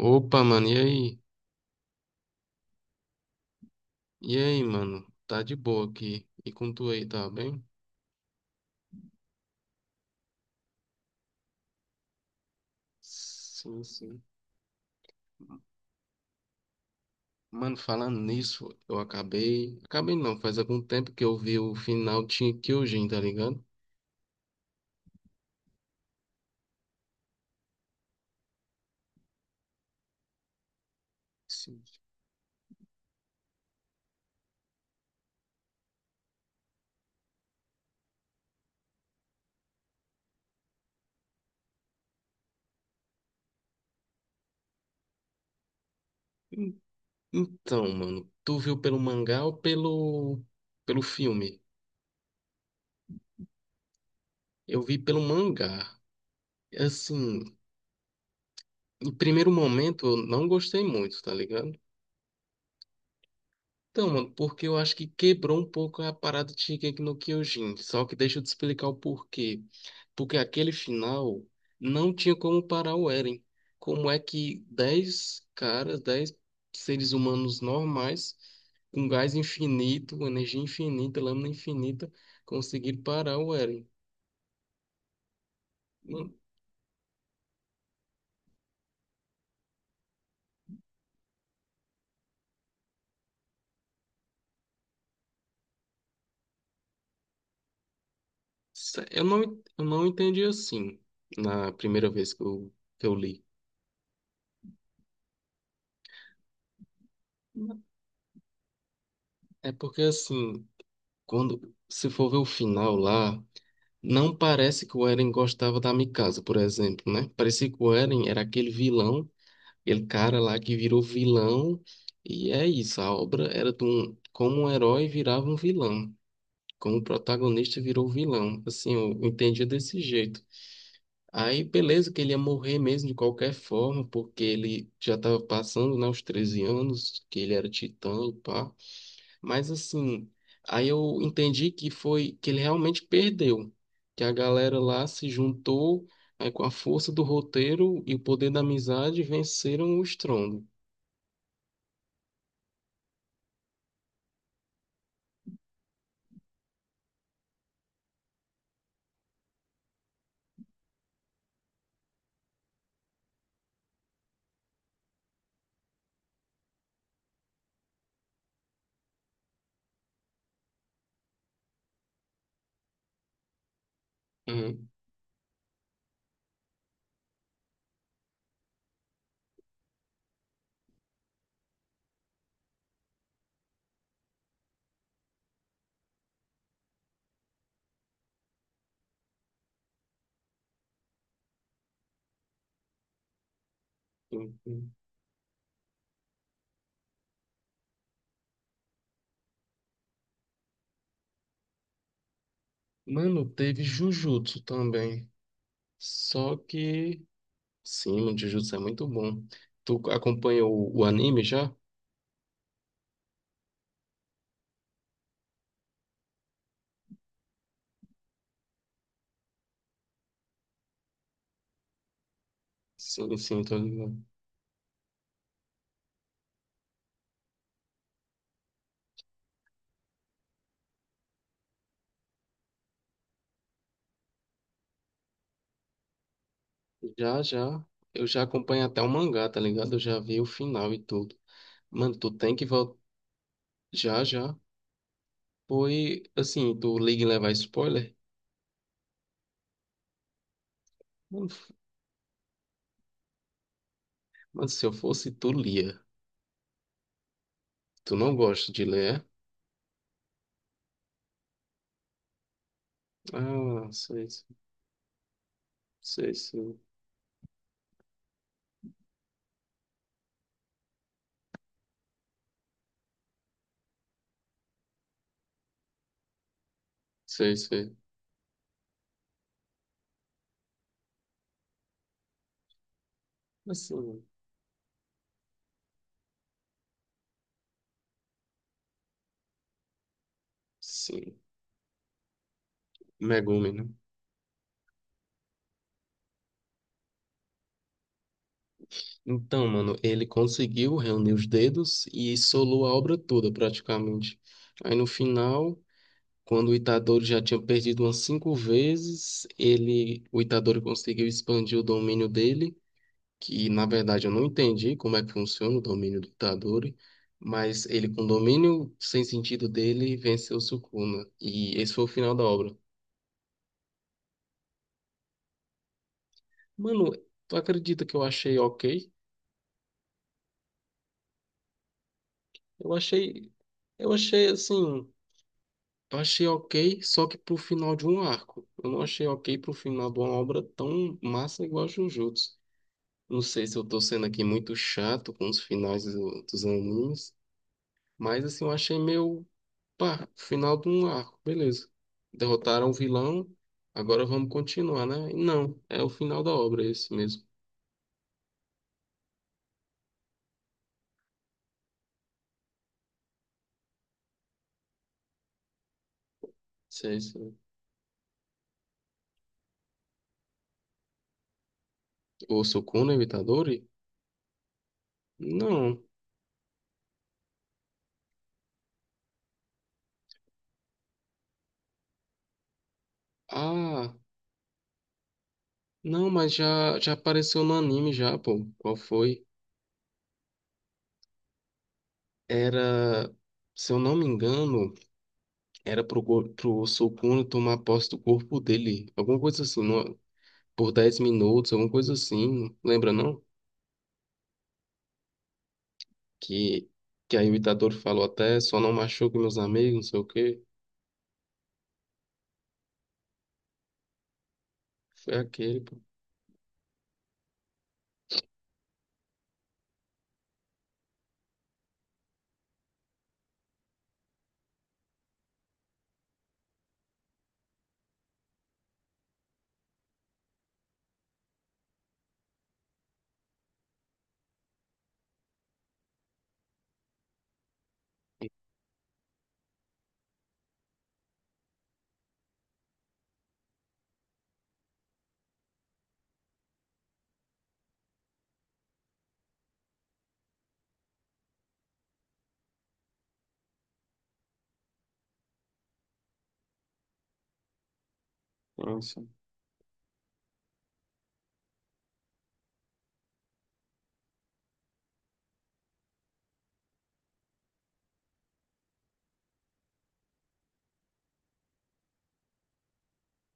Opa, mano, e aí? E aí, mano? Tá de boa aqui. E com tu aí, tá bem? Sim, sim. Mano, falando nisso, eu acabei. Acabei não, faz algum tempo que eu vi o final de Kyojin, tá ligado? Sim, sim. Então, mano, tu viu pelo mangá ou pelo pelo filme? Eu vi pelo mangá. Assim, em primeiro momento eu não gostei muito, tá ligado? Então, mano, porque eu acho que quebrou um pouco a parada de Shingeki no Kyojin. Só que deixa eu te explicar o porquê. Porque aquele final não tinha como parar o Eren. Como é que 10 caras, 10 seres humanos normais, com gás infinito, energia infinita, lâmina infinita, conseguiram parar o Eren? Não- sé- Eu não, eu não entendi assim na primeira vez que eu li. É porque assim, quando se for ver o final lá. Não parece que o Eren gostava da Mikasa, por exemplo, né? Parecia que o Eren era aquele vilão, aquele cara lá que virou vilão. E é isso, a obra era de um, como um herói virava um vilão, como o protagonista virou vilão. Assim, eu entendia desse jeito. Aí, beleza, que ele ia morrer mesmo de qualquer forma, porque ele já estava passando, né, os 13 anos, que ele era titã e pá. Mas assim, aí eu entendi que foi que ele realmente perdeu, que a galera lá se juntou, aí com a força do roteiro e o poder da amizade venceram o estrondo. Hum, hum, hum. Mano, teve Jujutsu também. Só que sim, o Jujutsu é muito bom. Tu acompanha o anime já? Sim, sim, tô ligado. Já, já. Eu já acompanho até o mangá, tá ligado? Eu já vi o final e tudo. Mano, tu tem que voltar. Já, já. Foi assim, tu liga e levar spoiler? Mano, mano, se eu fosse, tu lia. Tu não gosta de ler, é? Ah, sei, sei, sei, sei, sei. Assim, sim. Megumi, né? Então, mano, ele conseguiu reunir os dedos e solou a obra toda, praticamente. Aí no final, quando o Itadori já tinha perdido umas 5 vezes, ele, o Itadori conseguiu expandir o domínio dele. Que na verdade eu não entendi como é que funciona o domínio do Itadori, mas ele com o domínio sem sentido dele venceu o Sukuna, e esse foi o final da obra. Mano, tu acredita que eu achei ok? Eu achei, eu achei assim, eu achei ok, só que pro final de um arco. Eu não achei ok pro final de uma obra tão massa igual a Jujutsu. Não sei se eu tô sendo aqui muito chato com os finais dos animes. Mas assim, eu achei meio, pá, final de um arco, beleza. Derrotaram o vilão, agora vamos continuar, né? E não, é o final da obra esse mesmo. Se é esse. O Sukuna Itadori? Não. Ah, não, mas já, já apareceu no anime já, pô. Qual foi? Era, se eu não me engano, era pro, pro Sukuna tomar posse do corpo dele. Alguma coisa assim, não, por 10 minutos, alguma coisa assim. Lembra, não? que, que aí o ditador falou até, só não machuque meus amigos, não sei o quê. Foi aquele, pô. Sim,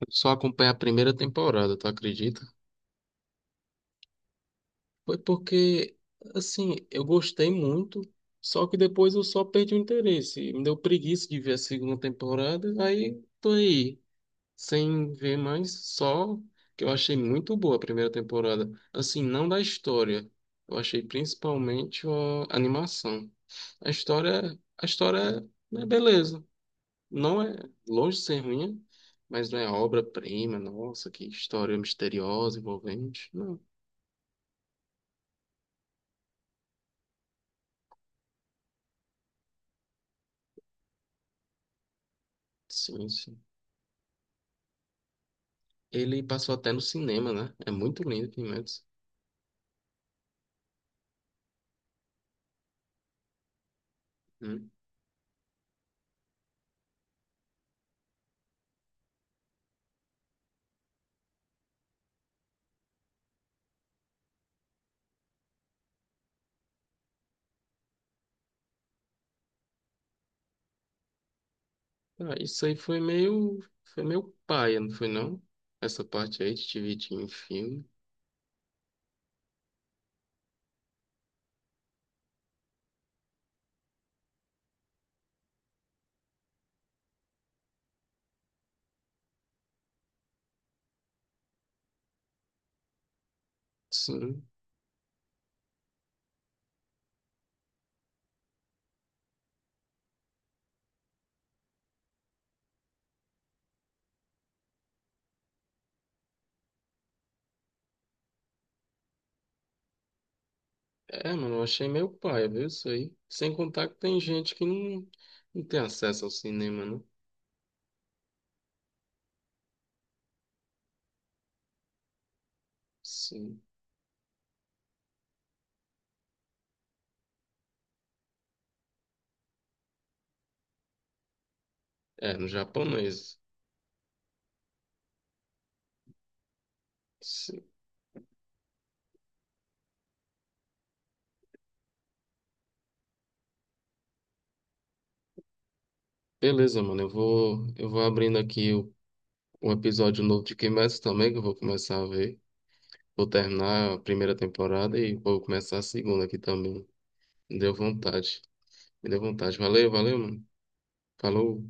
eu só acompanhei a primeira temporada, tu acredita? Foi porque, assim, eu gostei muito, só que depois eu só perdi o interesse. Me deu preguiça de ver a segunda temporada, aí tô aí, sem ver mais, só que eu achei muito boa a primeira temporada. Assim, não da história. Eu achei principalmente a animação. A história é beleza. Não é longe de ser ruim, mas não é obra-prima, nossa, que história misteriosa, envolvente. Não, sim, sim. Ele passou até no cinema, né? É muito lindo Twin Metals. Hum. Ah, isso aí foi meio paia, não foi não? Essa parte aí de dividir em filme. Sim. É, mano, eu achei meio paia, viu isso aí? Sem contar que tem gente que não, não tem acesso ao cinema, né? Sim. É, no japonês. Sim. Beleza, mano. Eu vou abrindo aqui o um episódio novo de Kimetsu também, que eu vou começar a ver. Vou terminar a primeira temporada e vou começar a segunda aqui também. Me deu vontade. Me deu vontade. Valeu, valeu, mano. Falou.